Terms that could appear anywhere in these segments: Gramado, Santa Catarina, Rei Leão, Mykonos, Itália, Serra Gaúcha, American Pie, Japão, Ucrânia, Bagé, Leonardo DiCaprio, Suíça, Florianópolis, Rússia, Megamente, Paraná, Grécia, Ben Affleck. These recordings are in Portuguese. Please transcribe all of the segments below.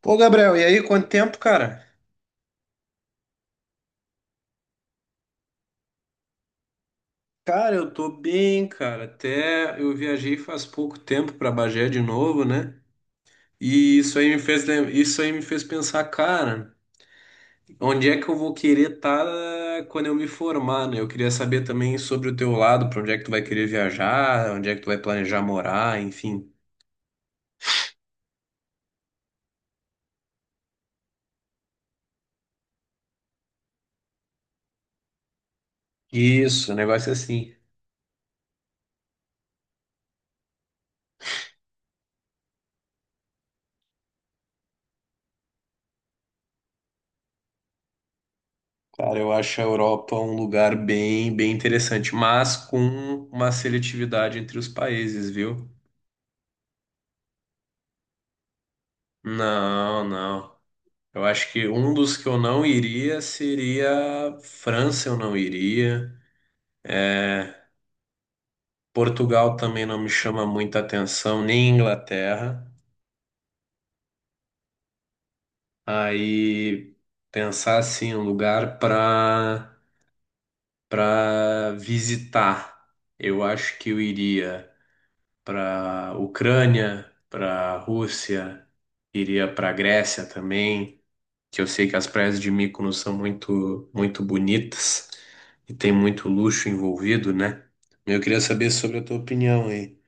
Pô, Gabriel, e aí, quanto tempo, cara? Cara, eu tô bem, cara. Até eu viajei faz pouco tempo pra Bagé de novo, né? E isso aí me fez, isso aí me fez pensar, cara, onde é que eu vou querer estar quando eu me formar, né? Eu queria saber também sobre o teu lado, pra onde é que tu vai querer viajar, onde é que tu vai planejar morar, enfim. Isso, o negócio é assim. Cara, eu acho a Europa um lugar bem, bem interessante, mas com uma seletividade entre os países, viu? Não, não. Eu acho que um dos que eu não iria seria França, eu não iria. Portugal também não me chama muita atenção, nem Inglaterra. Aí pensar assim, um lugar para visitar. Eu acho que eu iria para Ucrânia, para Rússia, iria para Grécia também, que eu sei que as praias de Mykonos são muito, muito bonitas e tem muito luxo envolvido, né? Eu queria saber sobre a tua opinião aí.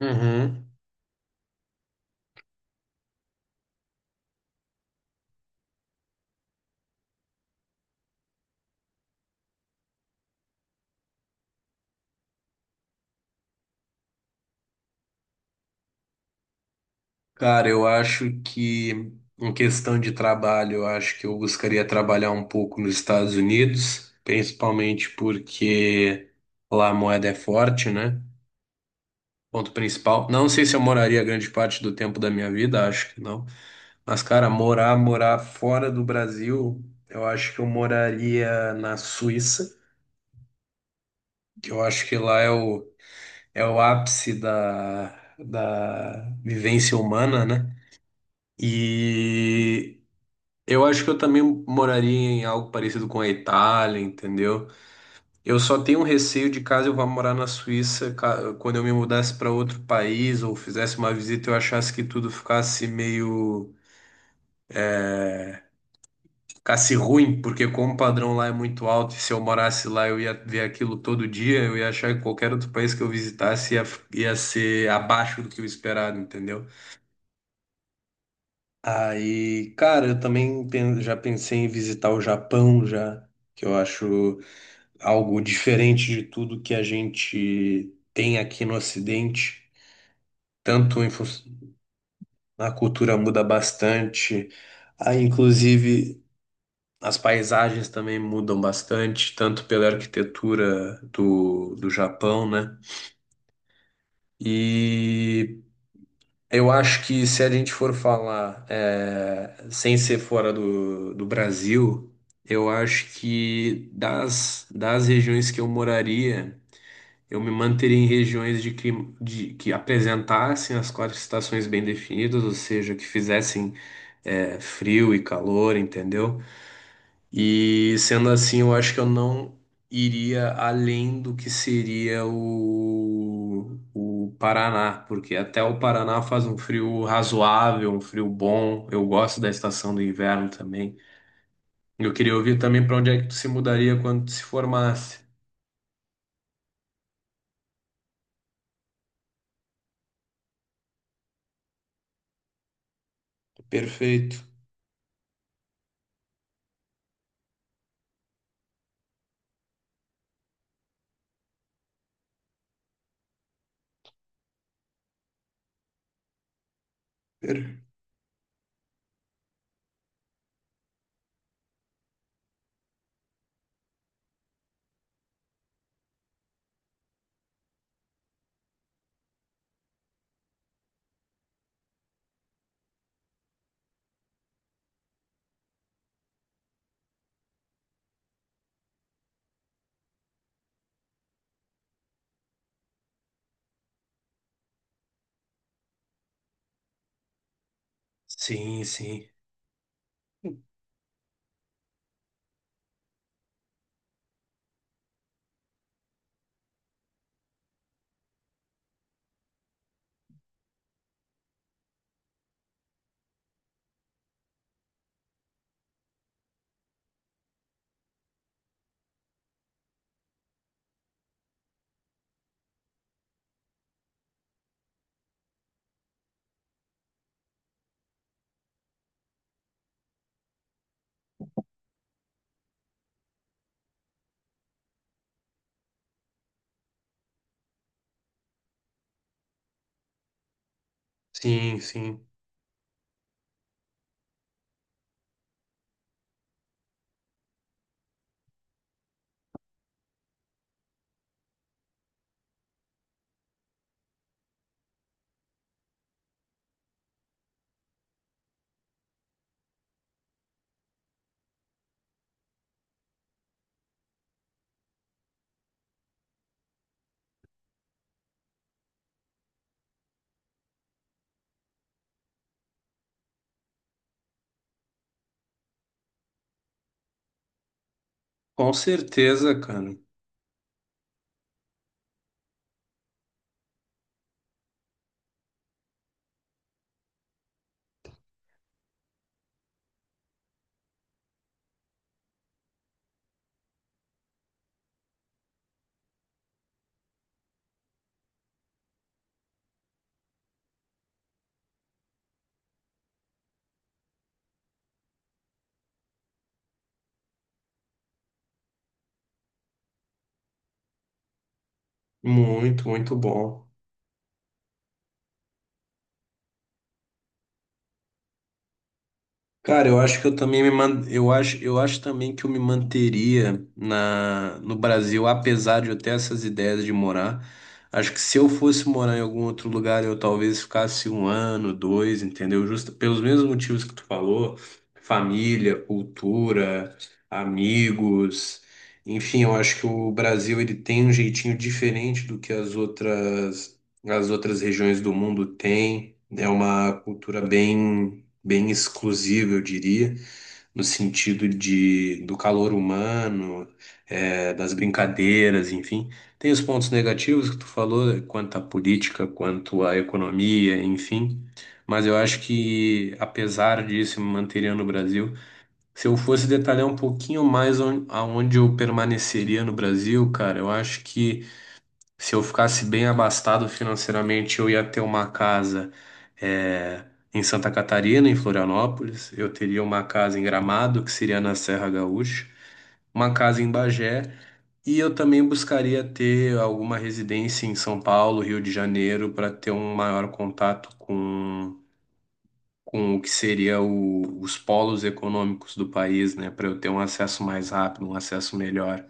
Uhum. Cara, eu acho que em questão de trabalho, eu acho que eu buscaria trabalhar um pouco nos Estados Unidos, principalmente porque lá a moeda é forte, né? Ponto principal. Não sei se eu moraria grande parte do tempo da minha vida, acho que não. Mas, cara, morar, morar fora do Brasil, eu acho que eu moraria na Suíça, que eu acho que lá é o ápice da vivência humana, né? E eu acho que eu também moraria em algo parecido com a Itália, entendeu? Eu só tenho um receio de caso eu vá morar na Suíça, quando eu me mudasse para outro país ou fizesse uma visita, eu achasse que tudo ficasse meio ficasse ruim, porque como o padrão lá é muito alto, e se eu morasse lá eu ia ver aquilo todo dia, eu ia achar que qualquer outro país que eu visitasse ia ser abaixo do que eu esperava, entendeu? Aí, cara, eu também já pensei em visitar o Japão já, que eu acho algo diferente de tudo que a gente tem aqui no Ocidente, tanto em fun- a cultura muda bastante. Aí, inclusive, as paisagens também mudam bastante, tanto pela arquitetura do Japão, né? E eu acho que se a gente for falar sem ser fora do Brasil, eu acho que das regiões que eu moraria, eu me manteria em regiões de clima, que apresentassem as quatro estações bem definidas, ou seja, que fizessem frio e calor, entendeu? E sendo assim, eu acho que eu não iria além do que seria o Paraná, porque até o Paraná faz um frio razoável, um frio bom. Eu gosto da estação do inverno também. Eu queria ouvir também para onde é que tu se mudaria quando tu se formasse. Perfeito. Per- Sim, sim. Sim, sim. Com certeza, cara. Muito, muito bom. Cara, eu acho que eu também eu acho, também que eu me manteria na no Brasil, apesar de eu ter essas ideias de morar. Acho que se eu fosse morar em algum outro lugar, eu talvez ficasse um ano, dois, entendeu? Justo pelos mesmos motivos que tu falou, família, cultura, amigos. Enfim, eu acho que o Brasil ele tem um jeitinho diferente do que as outras regiões do mundo têm. É uma cultura bem, bem exclusivo, eu diria, no sentido de do calor humano, das brincadeiras, enfim. Tem os pontos negativos que tu falou, quanto à política, quanto à economia, enfim. Mas eu acho que, apesar disso, me manteria no Brasil. Se eu fosse detalhar um pouquinho mais aonde eu permaneceria no Brasil, cara, eu acho que se eu ficasse bem abastado financeiramente, eu ia ter uma casa eh, em Santa Catarina, em Florianópolis. Eu teria uma casa em Gramado, que seria na Serra Gaúcha, uma casa em Bagé. E eu também buscaria ter alguma residência em São Paulo, Rio de Janeiro, para ter um maior contato com o que seria os polos econômicos do país, né? Para eu ter um acesso mais rápido, um acesso melhor.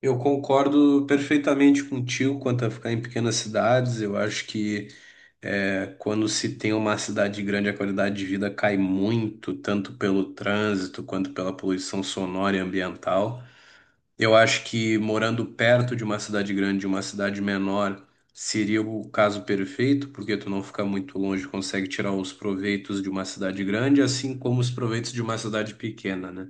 Eu concordo perfeitamente contigo quanto a ficar em pequenas cidades. Eu acho que quando se tem uma cidade grande, a qualidade de vida cai muito, tanto pelo trânsito quanto pela poluição sonora e ambiental. Eu acho que morando perto de uma cidade grande e uma cidade menor seria o caso perfeito, porque tu não fica muito longe, consegue tirar os proveitos de uma cidade grande, assim como os proveitos de uma cidade pequena, né?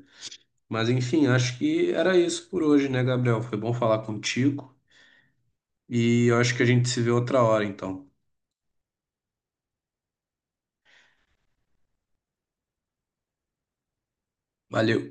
Mas enfim, acho que era isso por hoje, né, Gabriel? Foi bom falar contigo e eu acho que a gente se vê outra hora, então. Valeu.